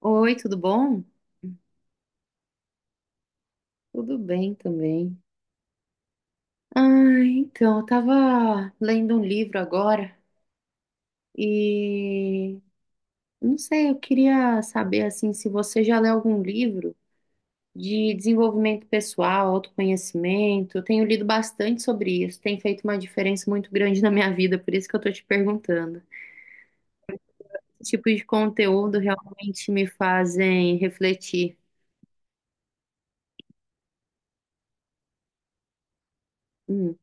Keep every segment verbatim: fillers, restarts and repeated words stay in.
Oi, tudo bom? Tudo bem também. Ah, então, eu tava lendo um livro agora e não sei, eu queria saber assim se você já leu algum livro de desenvolvimento pessoal, autoconhecimento. Eu tenho lido bastante sobre isso, tem feito uma diferença muito grande na minha vida, por isso que eu tô te perguntando. Esse tipo de conteúdo realmente me fazem refletir. Hum,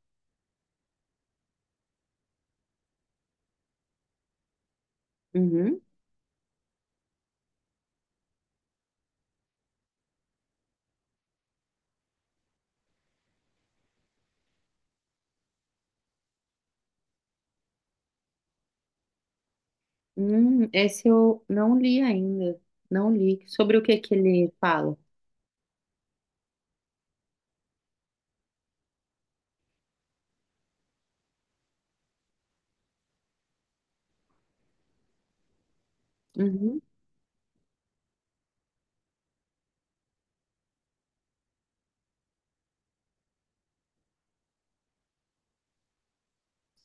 uhum. Hum, esse eu não li ainda. Não li. Sobre o que que ele fala? Uhum,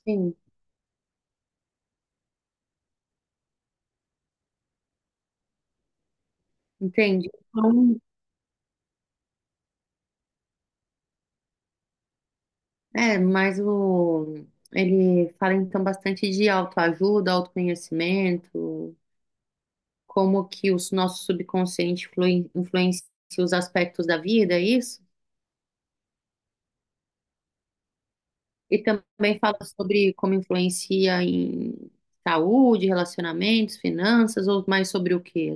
sim, entendi. Então, é, mas o, ele fala então bastante de autoajuda, autoconhecimento, como que o nosso subconsciente flui- influencia os aspectos da vida, é isso? E também fala sobre como influencia em saúde, relacionamentos, finanças, ou mais sobre o que.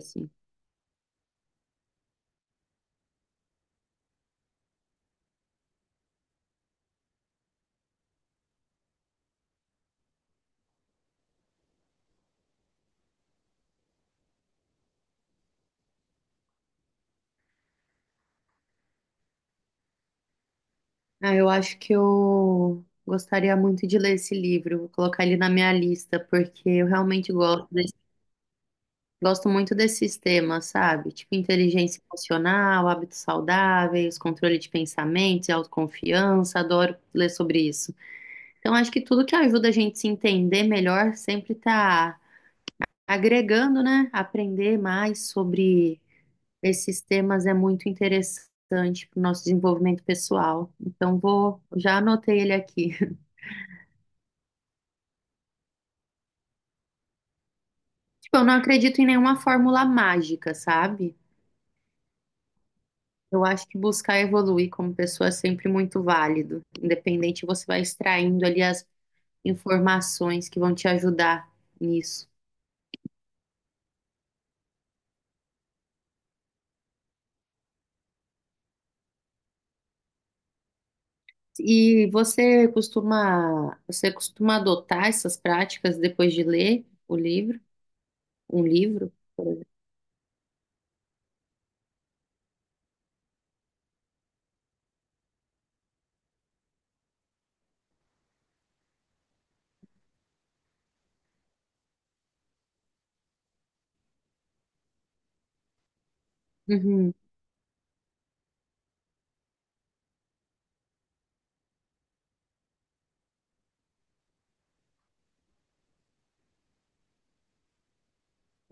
Ah, eu acho que eu gostaria muito de ler esse livro, vou colocar ele na minha lista, porque eu realmente gosto desse- gosto muito desses temas, sabe? Tipo inteligência emocional, hábitos saudáveis, controle de pensamentos e autoconfiança, adoro ler sobre isso. Então, acho que tudo que ajuda a gente se entender melhor sempre tá agregando, né? Aprender mais sobre esses temas é muito interessante para o nosso desenvolvimento pessoal. Então, vou, já anotei ele aqui. Tipo, eu não acredito em nenhuma fórmula mágica, sabe? Eu acho que buscar evoluir como pessoa é sempre muito válido. Independente, você vai extraindo ali as informações que vão te ajudar nisso. E você costuma, você costuma adotar essas práticas depois de ler o livro, um livro, por exemplo? Uhum.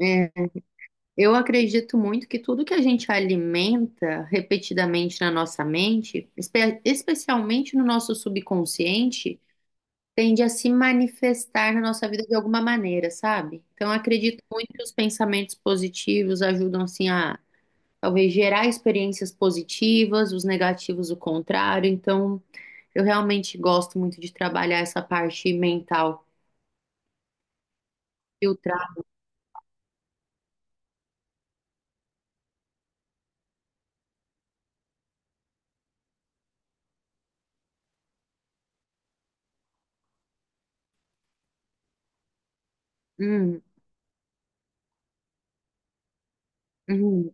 É, eu acredito muito que tudo que a gente alimenta repetidamente na nossa mente, espe- especialmente no nosso subconsciente, tende a se manifestar na nossa vida de alguma maneira, sabe? Então, eu acredito muito que os pensamentos positivos ajudam, assim, a talvez gerar experiências positivas, os negativos, o contrário. Então, eu realmente gosto muito de trabalhar essa parte mental, filtrar. Hum, uhum,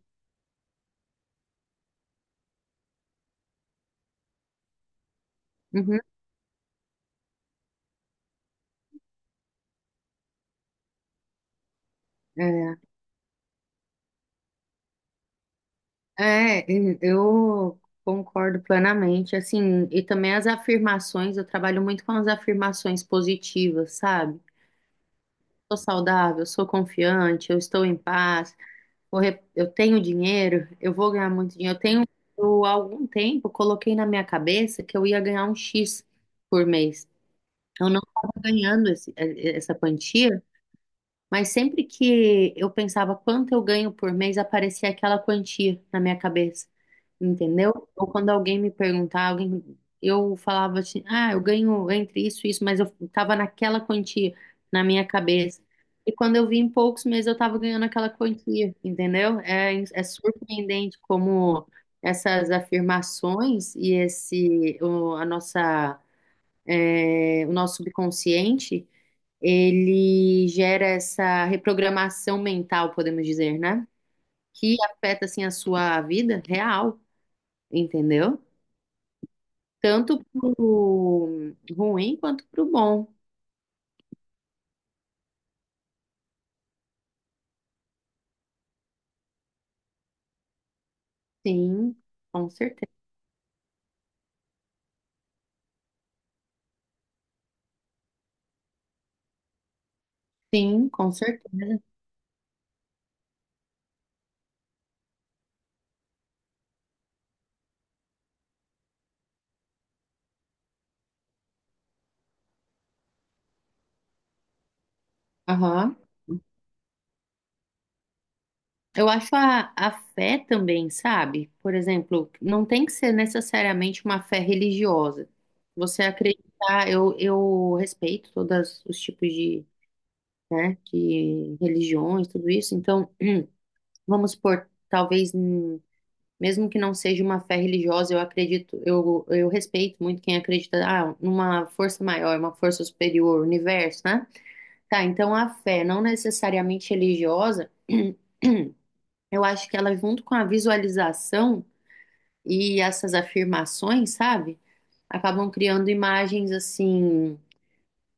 uhum. É, é, e- eu concordo plenamente, assim, e também as afirmações, eu trabalho muito com as afirmações positivas, sabe? Sou saudável, sou confiante, eu estou em paz, vou re- eu tenho dinheiro, eu vou ganhar muito dinheiro. Eu tenho, eu, há algum tempo, coloquei na minha cabeça que eu ia ganhar um X por mês. Eu não estava ganhando essa quantia, mas sempre que eu pensava quanto eu ganho por mês, aparecia aquela quantia na minha cabeça, entendeu? Ou quando alguém me perguntava, alguém, eu falava assim, ah, eu ganho entre isso e isso, mas eu tava naquela quantia na minha cabeça. E quando eu vi em poucos meses, eu tava ganhando aquela quantia, entendeu? É, é surpreendente como essas afirmações e esse, o, a nossa, é, o nosso subconsciente ele gera essa reprogramação mental, podemos dizer, né? Que afeta assim a sua vida real, entendeu? Tanto pro ruim quanto pro bom. Sim, com certeza. Sim, com certeza. Aham. Eu acho a, a fé também, sabe? Por exemplo, não tem que ser necessariamente uma fé religiosa. Você acreditar, eu, eu respeito todos os tipos de, né, de religiões, tudo isso. Então, vamos supor, talvez, hum, mesmo que não seja uma fé religiosa, eu acredito, eu, eu respeito muito quem acredita, ah, numa força maior, uma força superior, universo, né? Tá, então a fé, não necessariamente religiosa, eu acho que ela, junto com a visualização e essas afirmações, sabe? Acabam criando imagens assim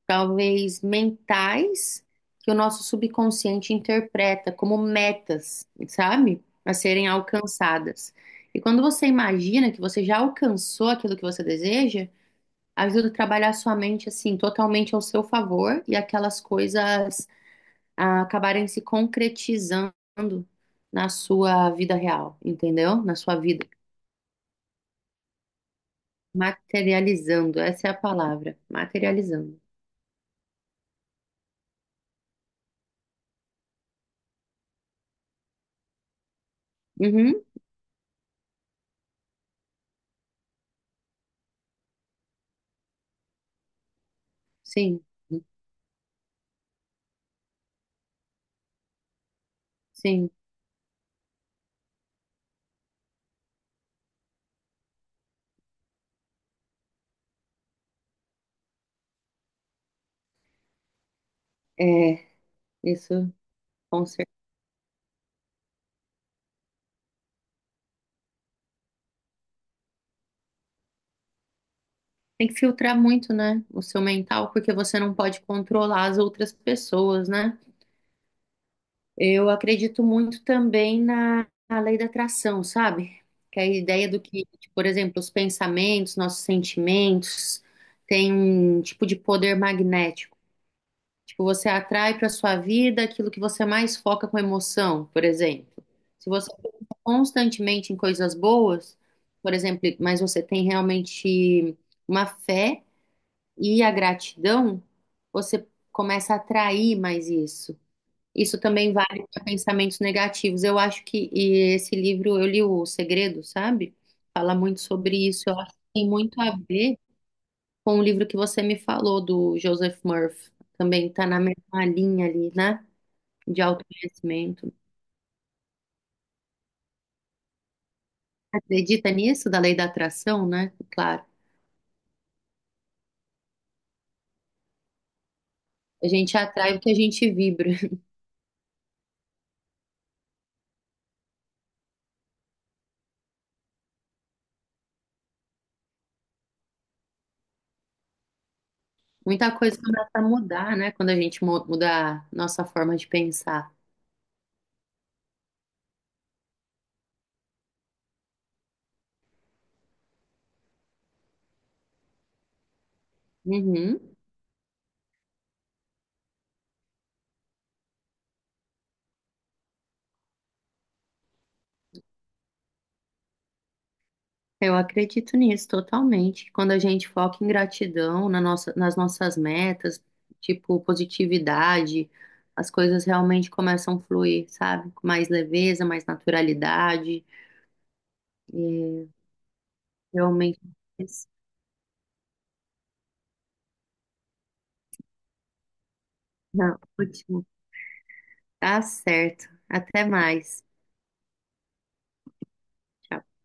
talvez mentais, que o nosso subconsciente interpreta como metas, sabe? A serem alcançadas. E quando você imagina que você já alcançou aquilo que você deseja, ajuda a trabalhar a sua mente assim, totalmente ao seu favor e aquelas coisas ah, acabarem se concretizando na sua vida real, entendeu? Na sua vida. Materializando, essa é a palavra. Materializando. Uhum, sim, sim. É, isso. Com certeza. Tem que filtrar muito, né, o seu mental, porque você não pode controlar as outras pessoas, né? Eu acredito muito também na, na lei da atração, sabe? Que é a ideia do que, por exemplo, os pensamentos, nossos sentimentos, têm um tipo de poder magnético. Tipo, você atrai para sua vida aquilo que você mais foca com emoção, por exemplo. Se você pensa constantemente em coisas boas, por exemplo, mas você tem realmente uma fé e a gratidão, você começa a atrair mais isso. Isso também vale para pensamentos negativos. Eu acho que e esse livro, eu li O Segredo, sabe? Fala muito sobre isso. Eu acho que tem muito a ver com o livro que você me falou, do Joseph Murphy. Também está na mesma linha ali, né? De autoconhecimento. Acredita nisso, da lei da atração, né? Claro. A gente atrai o que a gente vibra. Muita coisa começa a mudar, né? Quando a gente mu- muda a nossa forma de pensar. Uhum. Eu acredito nisso totalmente. Quando a gente foca em gratidão, na nossa, nas nossas metas, tipo positividade, as coisas realmente começam a fluir, sabe? Com mais leveza, mais naturalidade. E realmente. Não, ótimo. Tá certo. Até mais. Tchau.